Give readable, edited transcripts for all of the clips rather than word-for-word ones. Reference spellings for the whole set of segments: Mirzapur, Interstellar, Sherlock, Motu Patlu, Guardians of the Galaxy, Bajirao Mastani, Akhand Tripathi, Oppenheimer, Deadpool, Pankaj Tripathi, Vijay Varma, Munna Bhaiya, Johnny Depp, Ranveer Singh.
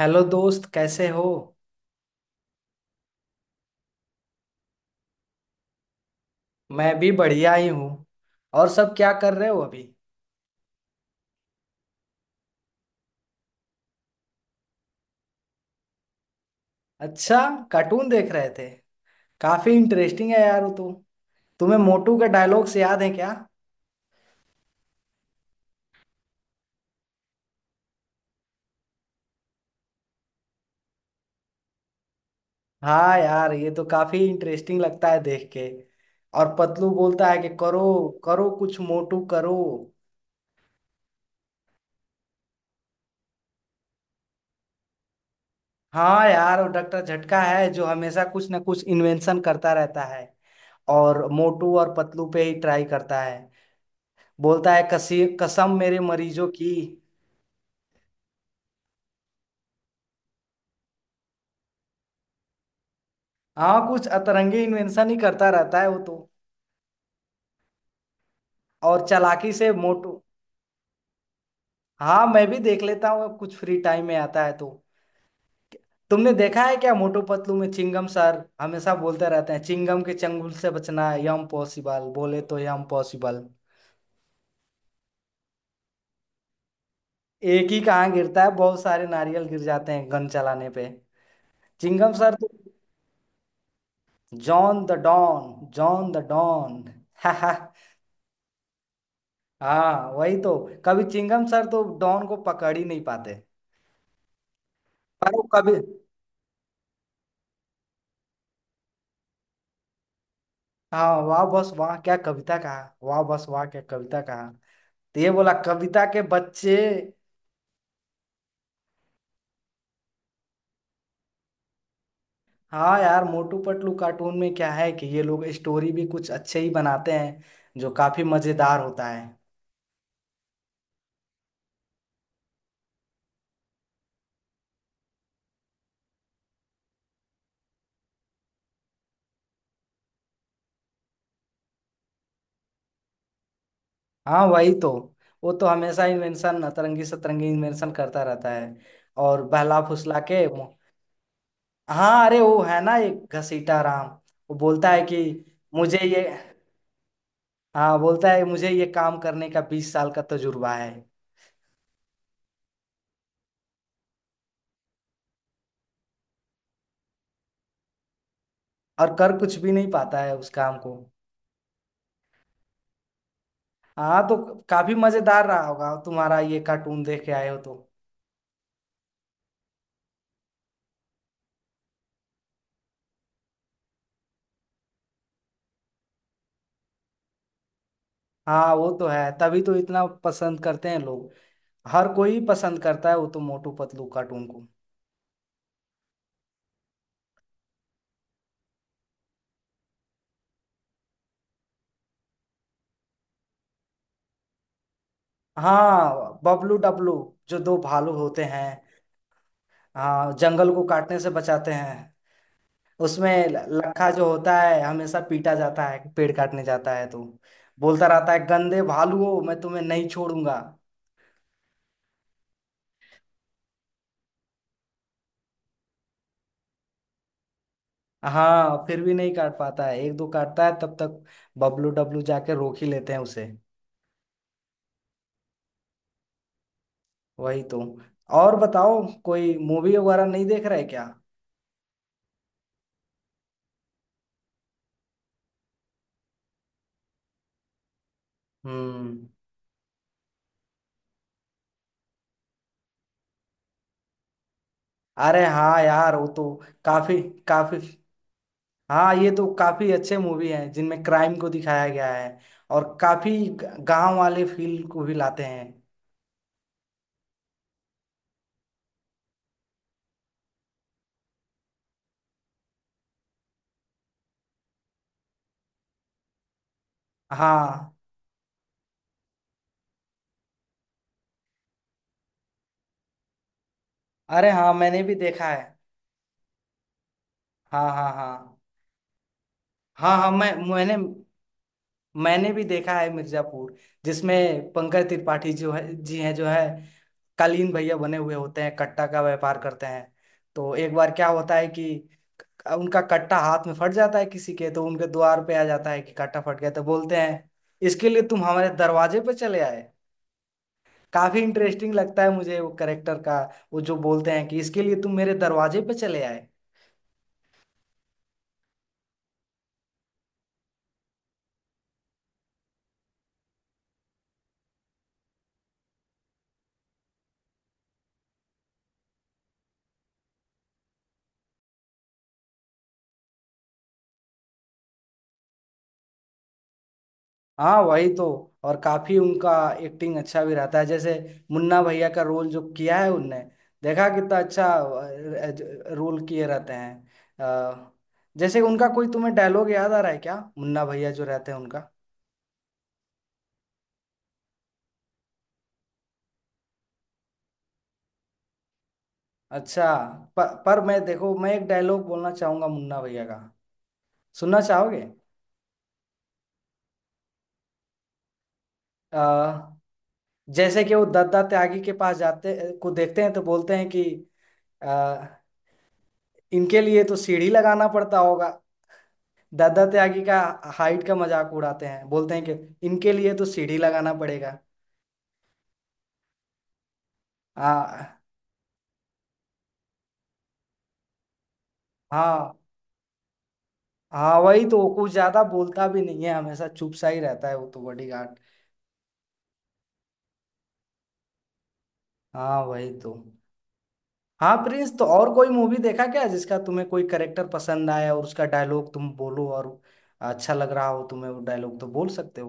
Hello दोस्त, कैसे हो। मैं भी बढ़िया ही हूँ। और सब क्या कर रहे हो अभी। अच्छा, कार्टून देख रहे थे। काफी इंटरेस्टिंग है यार वो तो। तुम्हें मोटू के डायलॉग्स याद हैं क्या। हाँ यार, ये तो काफी इंटरेस्टिंग लगता है देख के। और पतलू बोलता है कि करो करो कुछ मोटू करो। हाँ यार, वो डॉक्टर झटका है जो हमेशा कुछ ना कुछ इन्वेंशन करता रहता है। और मोटू और पतलू पे ही ट्राई करता है। बोलता है कसी कसम मेरे मरीजों की। हाँ, कुछ अतरंगी इन्वेंशन ही करता रहता है वो तो। और चालाकी से मोटू। हाँ मैं भी देख लेता हूँ, कुछ फ्री टाइम में आता है तो। तुमने देखा है क्या, मोटू पतलू में चिंगम सर हमेशा बोलते रहते हैं चिंगम के चंगुल से बचना है यम पॉसिबल, बोले तो यम पॉसिबल। एक ही कहाँ गिरता है, बहुत सारे नारियल गिर जाते हैं गन चलाने पे, चिंगम सर तो। John the Don, John the don. हाँ वही तो। कभी चिंगम सर तो डॉन को पकड़ ही नहीं पाते। पर वो कभी। हाँ, वाह बस वाह क्या कविता कहा, वाह बस वाह क्या कविता कहा। तो ये बोला कविता के बच्चे। हाँ यार, मोटू पतलू कार्टून में क्या है कि ये लोग स्टोरी भी कुछ अच्छे ही बनाते हैं जो काफी मजेदार होता है। हाँ वही तो। वो तो हमेशा इन्वेंशन, अतरंगी सतरंगी इन्वेंशन करता रहता है। और बहला फुसला के हाँ, अरे वो है ना एक घसीटा राम, वो बोलता है कि मुझे ये। हाँ, बोलता है मुझे ये काम करने का 20 साल का तजुर्बा है। और कर कुछ भी नहीं पाता है उस काम को। हाँ तो, काफी मजेदार रहा होगा तुम्हारा, ये कार्टून देख के आए हो तो। हाँ, वो तो है, तभी तो इतना पसंद करते हैं लोग। हर कोई पसंद करता है वो तो, मोटू पतलू कार्टून को। हाँ, बबलू डबलू, जो दो भालू होते हैं। हाँ, जंगल को काटने से बचाते हैं। उसमें लखा जो होता है हमेशा पीटा जाता है, पेड़ काटने जाता है तो बोलता रहता है गंदे भालुओं मैं तुम्हें नहीं छोड़ूंगा। हाँ, फिर भी नहीं काट पाता है, एक दो काटता है तब तक बबलू डब्लू जाके रोक ही लेते हैं उसे। वही तो। और बताओ, कोई मूवी वगैरह नहीं देख रहे क्या। हम्म। अरे हाँ यार वो तो काफी काफी हाँ, ये तो काफी अच्छे मूवी हैं जिनमें क्राइम को दिखाया गया है। और काफी गांव वाले फील को भी लाते हैं। हाँ। अरे हाँ, मैंने भी देखा है। हाँ हाँ हाँ हाँ। हाँ, मैंने भी देखा है मिर्जापुर। जिसमें पंकज त्रिपाठी जो है जी, हैं जो है कालीन भैया बने हुए होते हैं, कट्टा का व्यापार करते हैं। तो एक बार क्या होता है कि उनका कट्टा हाथ में फट जाता है किसी के, तो उनके द्वार पे आ जाता है कि कट्टा फट गया, तो बोलते हैं इसके लिए तुम हमारे दरवाजे पे चले आए। काफी इंटरेस्टिंग लगता है मुझे वो करेक्टर का। वो जो बोलते हैं कि इसके लिए तुम मेरे दरवाजे पे चले आए। हाँ वही तो। और काफी उनका एक्टिंग अच्छा भी रहता है। जैसे मुन्ना भैया का रोल जो किया है उनने, देखा कितना अच्छा रोल किए रहते हैं। अ, जैसे उनका कोई तुम्हें डायलॉग याद आ रहा है क्या, मुन्ना भैया जो रहते हैं उनका। अच्छा। पर मैं, देखो मैं एक डायलॉग बोलना चाहूंगा मुन्ना भैया का, सुनना चाहोगे। अ, जैसे कि वो दत्ता त्यागी के पास जाते को देखते हैं तो बोलते हैं कि अ, इनके लिए तो सीढ़ी लगाना पड़ता होगा। दादा त्यागी का हाइट का मजाक उड़ाते हैं, बोलते हैं कि इनके लिए तो सीढ़ी लगाना पड़ेगा। हाँ। हाँ, हाँ वही तो, वो कुछ ज्यादा बोलता भी नहीं है हमेशा चुप सा ही रहता है वो तो बॉडीगार्ड। हाँ वही तो। हाँ प्रिंस, तो और कोई मूवी देखा क्या जिसका तुम्हें कोई करेक्टर पसंद आया, और उसका डायलॉग तुम बोलो और अच्छा लग रहा हो तुम्हें वो डायलॉग तो बोल सकते हो।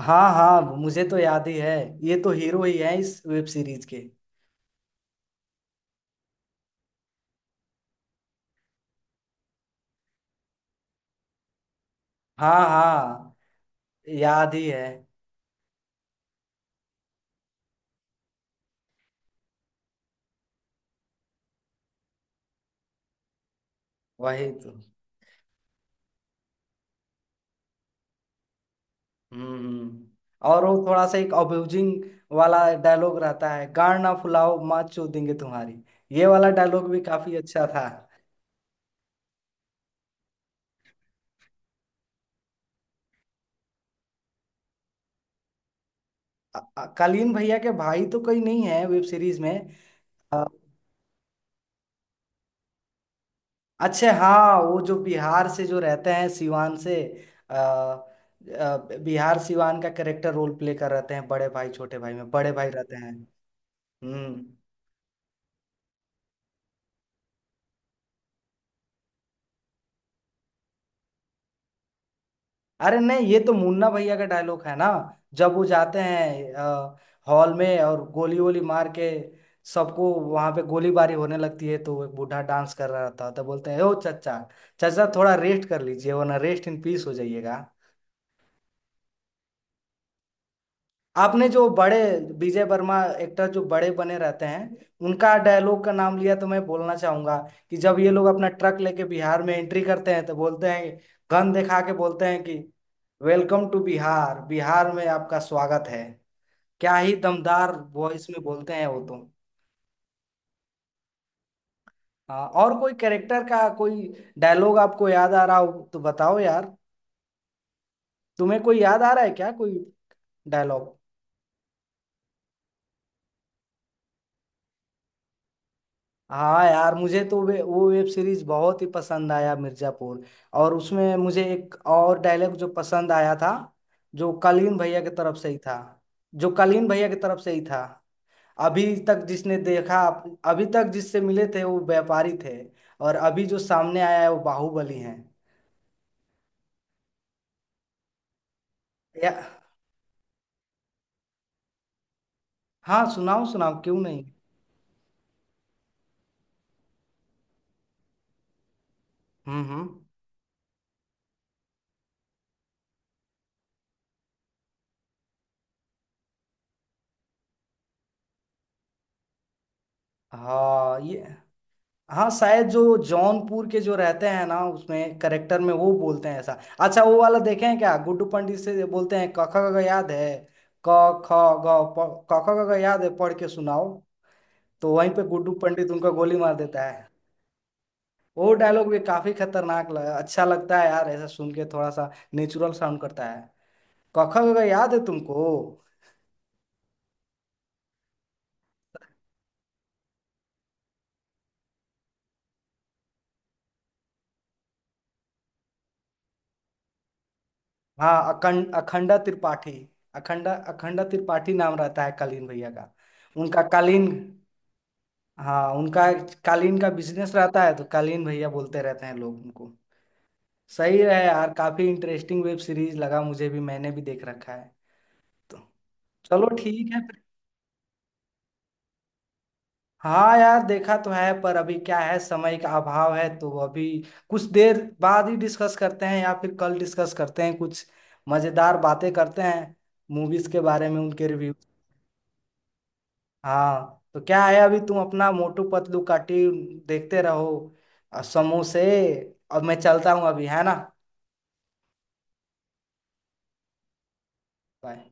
हाँ हाँ, मुझे तो याद ही है। ये तो हीरो ही है इस वेब सीरीज के। हाँ हाँ, याद ही है। वही तो। हम्म। और वो थोड़ा सा एक अब्यूजिंग वाला डायलॉग रहता है, गाड़ ना फुलाओ माँ चोद देंगे तुम्हारी। ये वाला डायलॉग भी काफी अच्छा था। कालीन भैया के भाई तो कोई नहीं है वेब सीरीज में। अ, अच्छे, हाँ वो जो बिहार से जो रहते हैं सिवान से। बिहार सिवान का कैरेक्टर रोल प्ले कर रहते हैं, बड़े भाई छोटे भाई में बड़े भाई रहते हैं। हम्म। अरे नहीं, ये तो मुन्ना भैया का डायलॉग है ना, जब वो जाते हैं हॉल में और गोली वोली मार के सबको, वहां पे गोलीबारी होने लगती है तो एक बूढ़ा डांस कर रहा था, तो बोलते हैं ओ चचा, चचा थोड़ा रेस्ट कर लीजिए वरना रेस्ट इन पीस हो जाइएगा। आपने जो बड़े विजय वर्मा एक्टर जो बड़े बने रहते हैं, उनका डायलॉग का नाम लिया तो मैं बोलना चाहूंगा कि जब ये लोग अपना ट्रक लेके बिहार में एंट्री करते हैं तो बोलते हैं, गन दिखा के बोलते हैं कि वेलकम टू बिहार, बिहार में आपका स्वागत है। क्या ही दमदार वॉइस में बोलते हैं वो तो। हाँ, और कोई कैरेक्टर का कोई डायलॉग आपको याद आ रहा हो तो बताओ यार, तुम्हें कोई याद आ रहा है क्या कोई डायलॉग। हाँ यार, मुझे तो वे वो वेब सीरीज बहुत ही पसंद आया, मिर्जापुर। और उसमें मुझे एक और डायलॉग जो पसंद आया था, जो कालीन भैया की तरफ से ही था जो कालीन भैया की तरफ से ही था। अभी तक जिसने देखा, अभी तक जिससे मिले थे वो व्यापारी थे, और अभी जो सामने आया है वो बाहुबली है। या हाँ, सुनाओ सुनाओ क्यों नहीं। हम्म। हाँ ये। हाँ, शायद जो जौनपुर के जो रहते हैं ना, उसमें करेक्टर में वो बोलते हैं ऐसा। अच्छा, वो वाला देखे हैं क्या, गुड्डू पंडित से बोलते हैं क ख ग घ याद है, क ख क ख ग घ याद है, पढ़ के सुनाओ। तो वहीं पे गुड्डू पंडित उनका गोली मार देता है। वो डायलॉग भी काफी खतरनाक लगा, अच्छा लगता है यार ऐसा सुन के, थोड़ा सा नेचुरल साउंड करता है। क ख ग घ याद है तुमको। हाँ। अखंडा त्रिपाठी, अखंडा अखंडा त्रिपाठी नाम रहता है कालीन भैया का। उनका कालीन हाँ उनका कालीन का बिजनेस रहता है तो कालीन भैया बोलते रहते हैं लोग उनको। सही है यार, काफी इंटरेस्टिंग वेब सीरीज लगा, मुझे भी, मैंने भी देख रखा है तो। चलो ठीक है फिर। हाँ यार, देखा तो है पर अभी क्या है, समय का अभाव है तो अभी कुछ देर बाद ही डिस्कस करते हैं, या फिर कल डिस्कस करते हैं, कुछ मजेदार बातें करते हैं, मूवीज के बारे में उनके रिव्यू। हाँ तो क्या है, अभी तुम अपना मोटू पतलू काटी देखते रहो, और समोसे। अब मैं चलता हूँ अभी, है ना। बाय।